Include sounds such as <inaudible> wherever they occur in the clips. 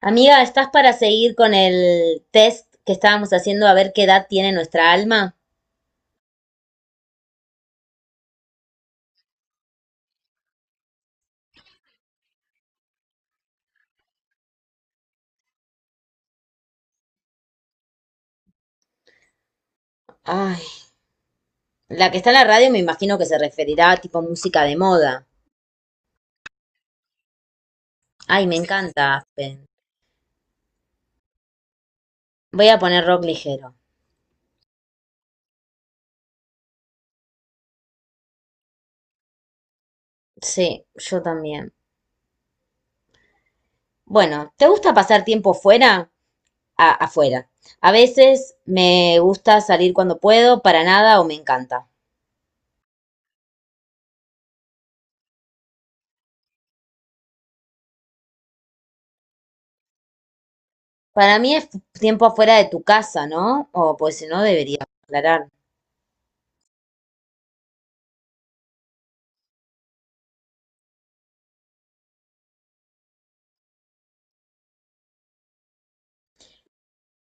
Amiga, ¿estás para seguir con el test que estábamos haciendo a ver qué edad tiene nuestra alma? Ay, la que está en la radio me imagino que se referirá a tipo música de moda. Ay, me encanta Aspen. Voy a poner rock ligero. Sí, yo también. Bueno, ¿te gusta pasar tiempo fuera? Afuera. A veces me gusta salir cuando puedo, para nada o me encanta. Para mí es tiempo afuera de tu casa, ¿no? O pues si no, debería aclarar.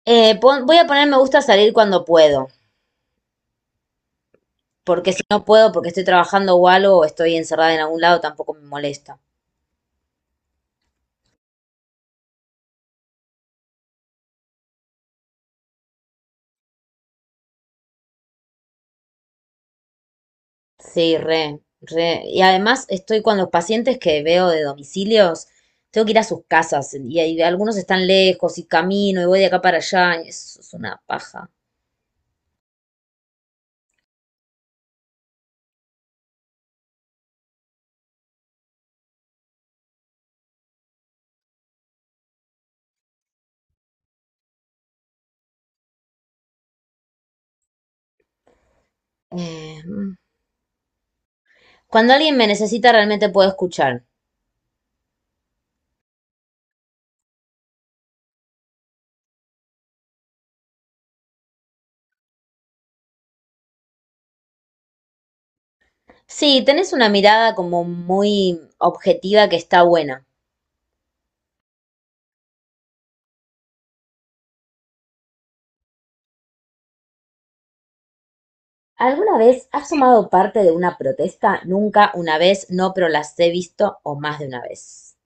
Voy a poner me gusta salir cuando puedo. Porque si no puedo, porque estoy trabajando o algo, o estoy encerrada en algún lado, tampoco me molesta. Sí, re, re. Y además estoy con los pacientes que veo de domicilios, tengo que ir a sus casas y, algunos están lejos y camino y voy de acá para allá. Y eso es una paja. Eh, Cuando alguien me necesita realmente puedo escuchar. Sí, tenés una mirada como muy objetiva que está buena. ¿Alguna vez has tomado parte de una protesta? Nunca, una vez, no, pero las he visto o más de una vez.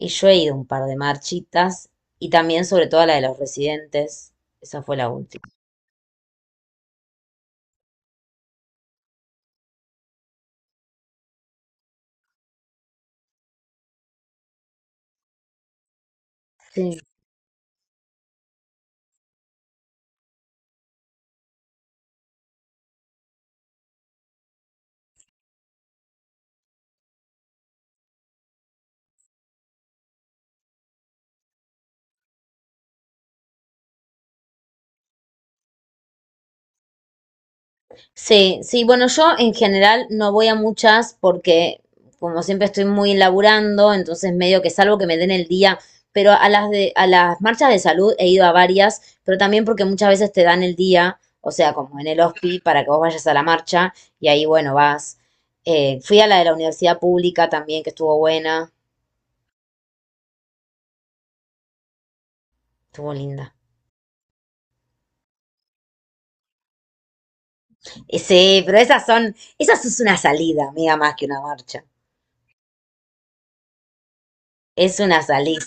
Y yo he ido a un par de marchitas y también sobre todo a la de los residentes. Esa fue la última. Sí. Sí, sí, bueno, yo en general no voy a muchas porque como siempre estoy muy laburando, entonces medio que salvo que me den el día, pero a las de, a las marchas de salud he ido a varias, pero también porque muchas veces te dan el día, o sea, como en el hospi, para que vos vayas a la marcha y ahí, bueno, vas. Fui a la de la universidad pública también, que estuvo buena, estuvo linda. Sí, pero esas son, esas es una salida, amiga, más que una marcha. Es una salida.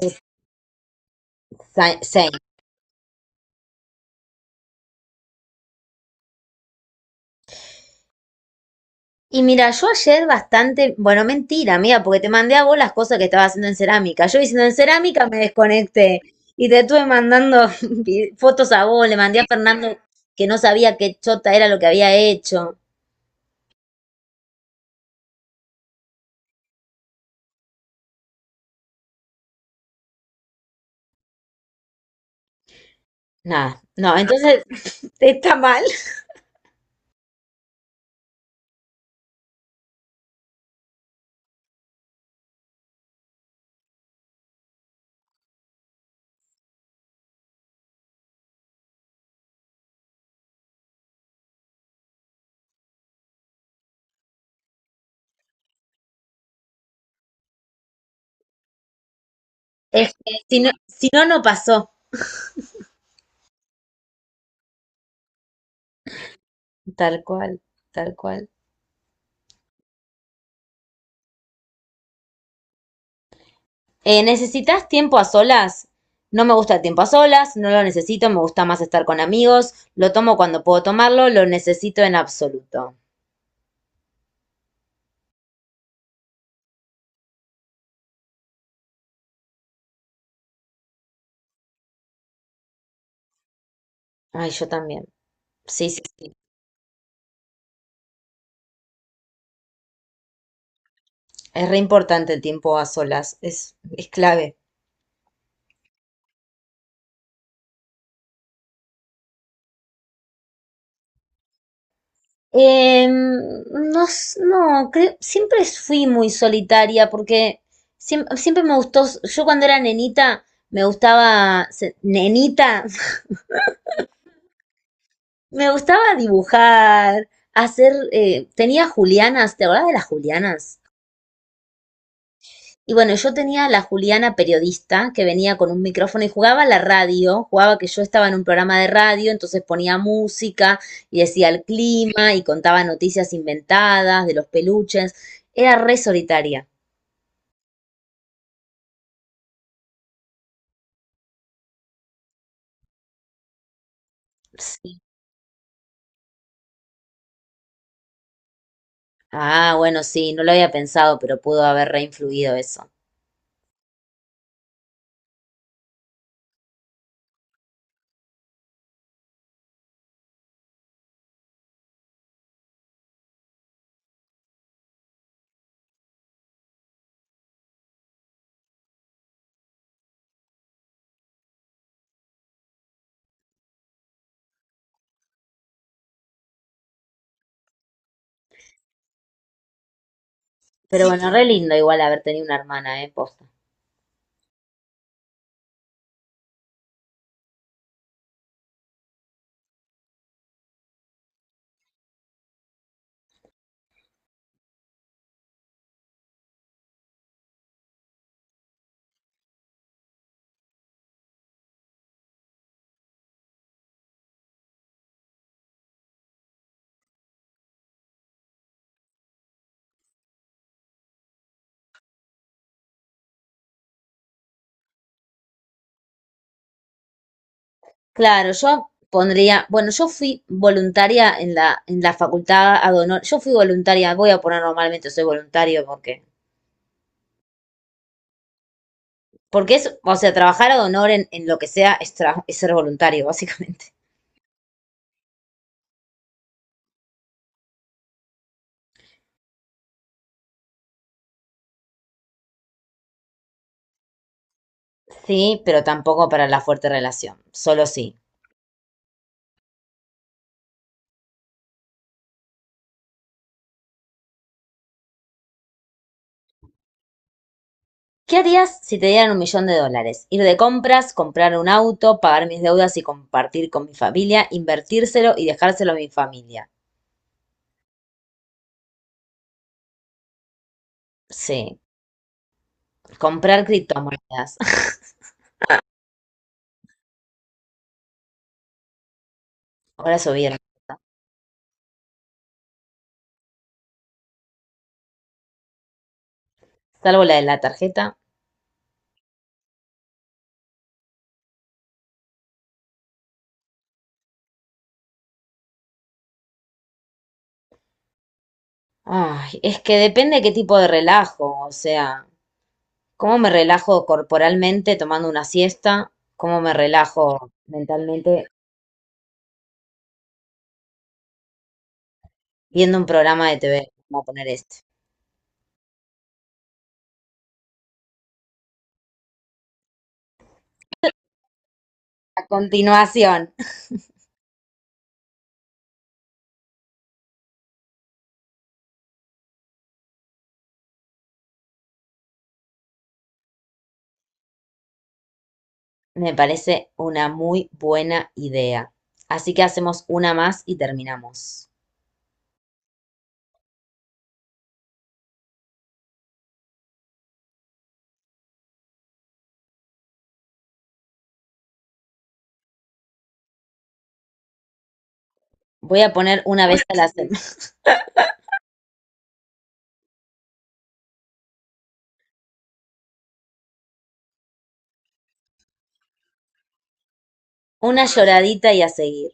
Es same. Y mira, yo ayer bastante, bueno, mentira, amiga, porque te mandé a vos las cosas que estaba haciendo en cerámica. Yo diciendo en cerámica me desconecté y te estuve mandando <laughs> fotos a vos, le mandé a Fernando que no sabía qué chota era lo que había hecho. Nada, no, entonces <laughs> está mal. Es que si no, no pasó. Tal cual, tal cual. ¿Necesitas tiempo a solas? No me gusta el tiempo a solas, no lo necesito, me gusta más estar con amigos, lo tomo cuando puedo tomarlo, lo necesito en absoluto. Ay, yo también. Sí, sí, sí. Es re importante el tiempo a solas, es clave. Em, no, no, siempre fui muy solitaria porque siempre, me gustó, yo cuando era nenita me gustaba, nenita, <laughs> me gustaba dibujar, hacer, tenía Julianas, ¿te acordás de las Julianas? Y bueno, yo tenía la Juliana periodista que venía con un micrófono y jugaba a la radio, jugaba que yo estaba en un programa de radio, entonces ponía música y decía el clima y contaba noticias inventadas de los peluches. Era re solitaria. Sí. Ah, bueno, sí, no lo había pensado, pero pudo haber re influido eso. Pero sí, bueno, re lindo igual haber tenido una hermana, ¿eh? Posta. Claro, yo pondría, bueno, yo fui voluntaria en la facultad ad honor, yo fui voluntaria, voy a poner normalmente soy voluntario porque, porque es, o sea, trabajar ad honor en lo que sea es, es ser voluntario, <laughs> básicamente. Sí, pero tampoco para la fuerte relación, solo sí. ¿Qué harías si te dieran un millón de dólares? Ir de compras, comprar un auto, pagar mis deudas y compartir con mi familia, invertírselo y dejárselo a mi familia. Sí, comprar criptomonedas. <laughs> Ahora subieron, salvo la de la tarjeta. Ay, es que depende qué tipo de relajo, o sea, cómo me relajo corporalmente tomando una siesta, cómo me relajo mentalmente viendo un programa de TV, vamos a poner este. A continuación. Me parece una muy buena idea. Así que hacemos una más y terminamos. Voy a poner una vez a la semana, <laughs> una lloradita y a seguir.